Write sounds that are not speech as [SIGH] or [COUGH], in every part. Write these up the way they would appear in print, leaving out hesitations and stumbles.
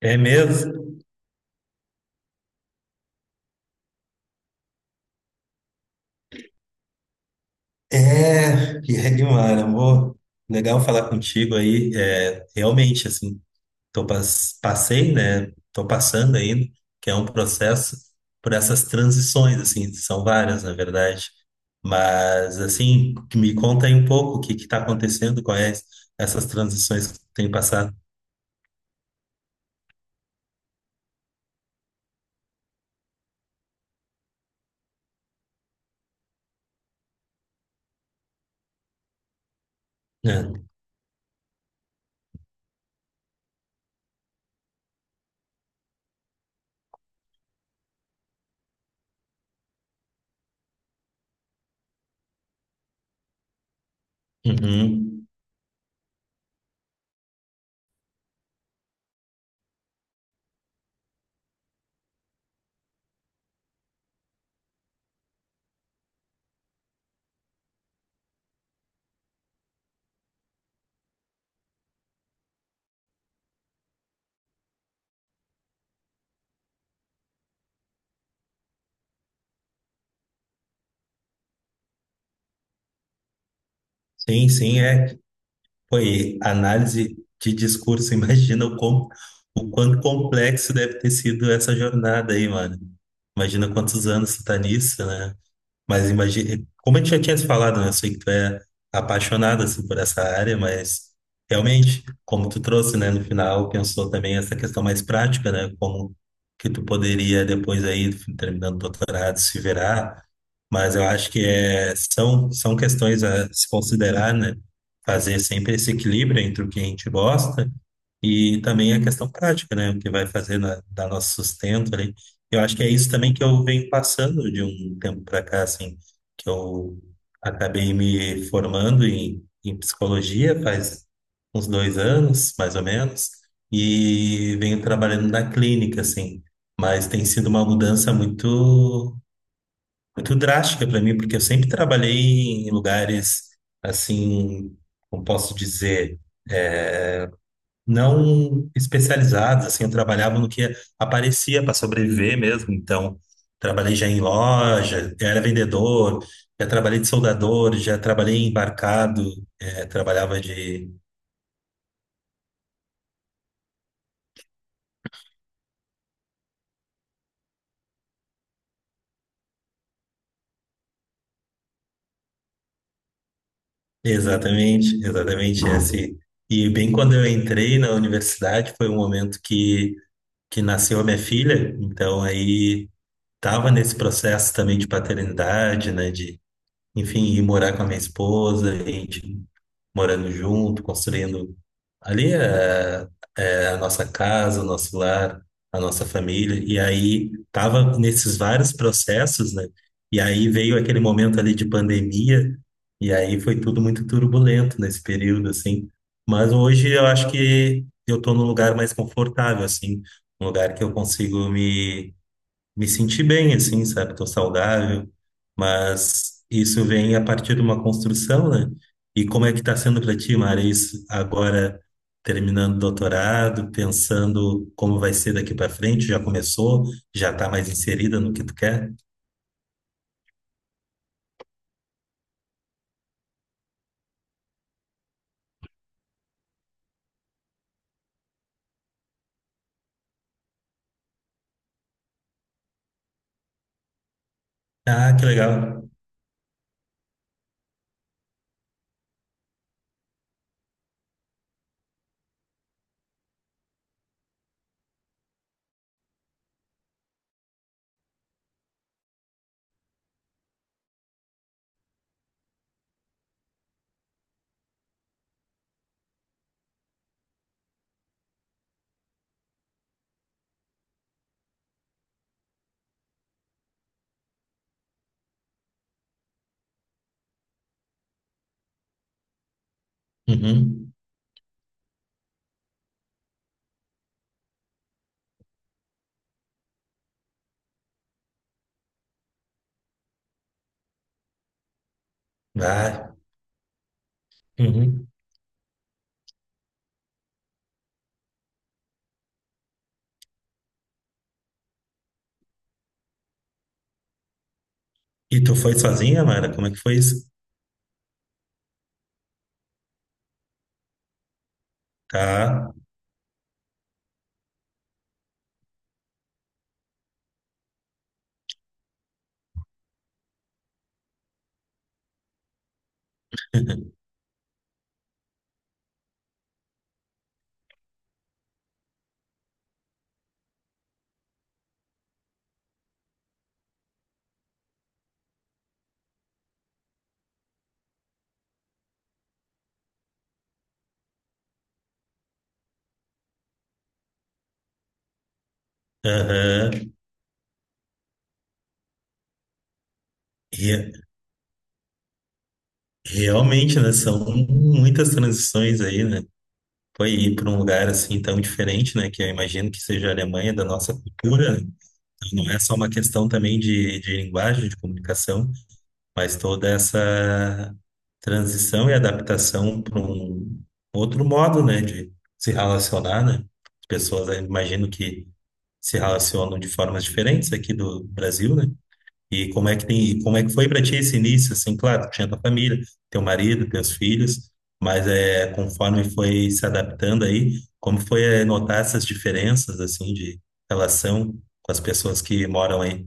É mesmo? É, e é demais, amor. Legal falar contigo aí. É, realmente, assim, passei, né? Tô passando ainda, que é um processo por essas transições, assim, são várias, na verdade. Mas, assim, me conta aí um pouco o que que tá acontecendo, quais essas transições que tem passado. É. Uhum. Sim, sim, é. Foi análise de discurso, [LAUGHS] imagina o quanto complexo deve ter sido essa jornada aí, mano. Imagina quantos anos tu tá nisso, né? Mas imagina, como a gente já tinha se falado, né? Eu sei que tu é apaixonada assim, por essa área, mas realmente, como tu trouxe, né, no final, pensou também essa questão mais prática, né? Como que tu poderia depois aí, terminando o doutorado, se virar. Mas eu acho que são questões a se considerar, né? Fazer sempre esse equilíbrio entre o que a gente gosta e também a questão prática, né? O que vai fazer dar nosso sustento ali. Eu acho que é isso também que eu venho passando de um tempo para cá, assim, que eu acabei me formando em psicologia faz uns 2 anos, mais ou menos, e venho trabalhando na clínica, assim. Mas tem sido uma mudança muito drástica para mim, porque eu sempre trabalhei em lugares, assim, como posso dizer, eh, não especializadas assim, eu trabalhava no que aparecia para sobreviver mesmo, então trabalhei já em loja, era vendedor, já trabalhei de soldador, já trabalhei em embarcado, trabalhava de... Exatamente, exatamente esse. E bem quando eu entrei na universidade, foi um momento que nasceu a minha filha, então aí tava nesse processo também de paternidade, né, de, enfim, ir morar com a minha esposa, a gente morando junto, construindo ali é, é a nossa casa, o nosso lar, a nossa família. E aí tava nesses vários processos, né? E aí veio aquele momento ali de pandemia, e aí foi tudo muito turbulento nesse período, assim. Mas hoje eu acho que eu tô num lugar mais confortável, assim, um lugar que eu consigo me senti bem, assim, sabe? Tô saudável, mas isso vem a partir de uma construção, né? E como é que tá sendo para ti, Mara, isso agora terminando o doutorado, pensando como vai ser daqui para frente? Já começou? Já tá mais inserida no que tu quer? Ah, que legal. Uhum. Vai. Uhum. E tu foi sozinha, Mara? Como é que foi isso? Tá. Aham. Re- Realmente, né? São muitas transições aí, né? Foi ir para um lugar assim tão diferente, né? Que eu imagino que seja a Alemanha da nossa cultura, né? Então, não é só uma questão também de linguagem, de comunicação, mas toda essa transição e adaptação para um outro modo, né? De se relacionar, né? As pessoas, eu imagino que se relacionam de formas diferentes aqui do Brasil, né? E como é que tem, e como é que foi para ti esse início? Assim, claro, tu tinha tua família, teu marido, teus filhos, mas é conforme foi se adaptando aí, como foi é, notar essas diferenças assim de relação com as pessoas que moram aí?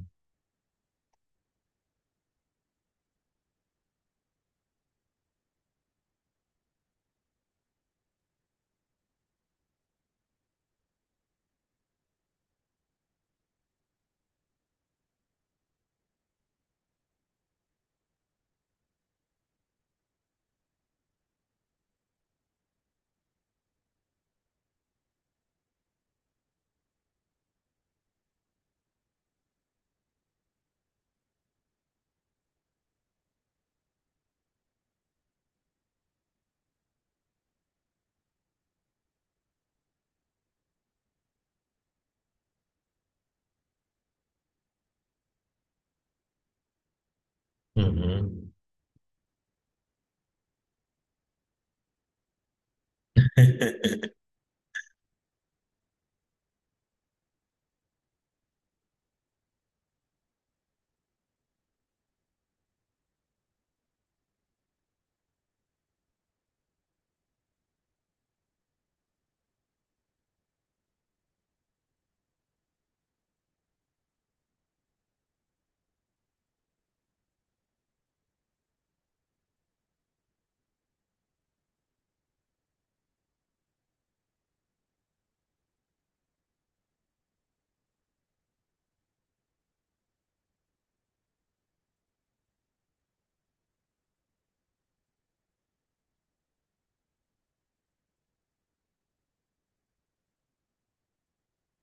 Uhum. [LAUGHS]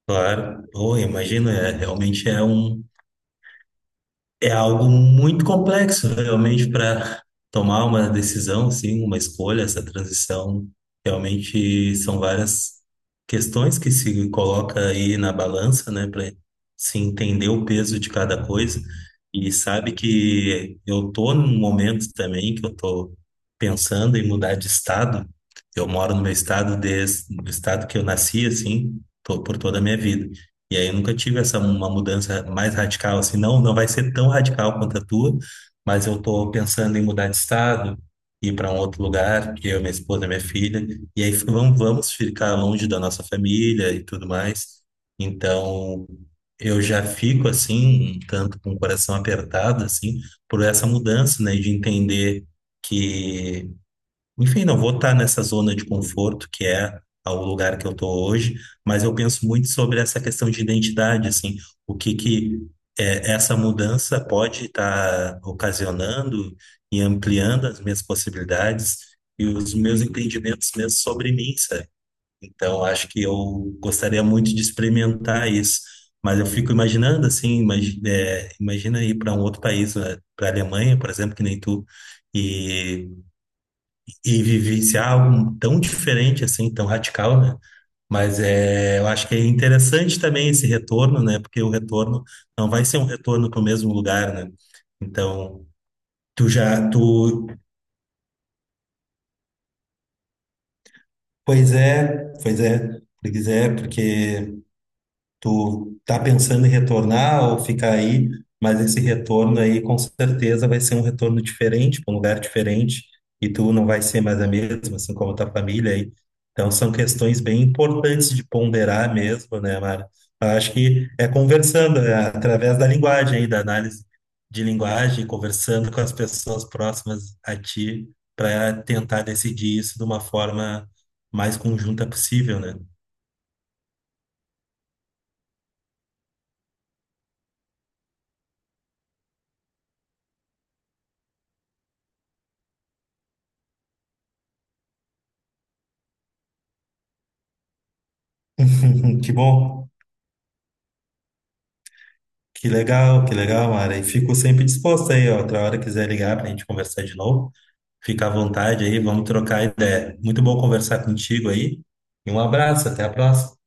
Claro, pô, eu imagino, é, realmente é. É algo muito complexo, né, realmente, para tomar uma decisão, sim, uma escolha, essa transição. Realmente são várias questões que se coloca aí na balança, né, para se entender o peso de cada coisa. E sabe que eu tô num momento também que eu tô pensando em mudar de estado. Eu moro no meu estado desde o estado que eu nasci, assim, por toda a minha vida. E aí eu nunca tive essa uma mudança mais radical assim, não, não vai ser tão radical quanto a tua, mas eu tô pensando em mudar de estado, ir para um outro lugar, eu, minha esposa, minha filha, e aí vamos ficar longe da nossa família e tudo mais. Então, eu já fico assim, um tanto com o coração apertado assim, por essa mudança, né, de entender que enfim, não vou estar nessa zona de conforto que é o lugar que eu estou hoje, mas eu penso muito sobre essa questão de identidade, assim, o que que é, essa mudança pode estar ocasionando e ampliando as minhas possibilidades e os meus entendimentos mesmo sobre mim, sabe? Então, acho que eu gostaria muito de experimentar isso, mas eu fico imaginando, assim, imagina ir para um outro país, para a Alemanha, por exemplo, que nem tu, e vivenciar algo tão diferente assim, tão radical, né? Mas é, eu acho que é interessante também esse retorno, né? Porque o retorno não vai ser um retorno para o mesmo lugar, né? Então, tu já, tu, pois é, pois é, pois é, porque tu tá pensando em retornar ou ficar aí, mas esse retorno aí com certeza vai ser um retorno diferente, para um lugar diferente, e tu não vai ser mais a mesma, assim como a tua família aí. Então são questões bem importantes de ponderar mesmo, né, Mara? Eu acho que é conversando, é através da linguagem aí, da análise de linguagem, conversando com as pessoas próximas a ti, para tentar decidir isso de uma forma mais conjunta possível, né? [LAUGHS] Que bom. Que legal, Mara. E fico sempre disposto aí, ó. Outra hora quiser ligar para a gente conversar de novo, fica à vontade aí, vamos trocar ideia. Muito bom conversar contigo aí. E um abraço, até a próxima.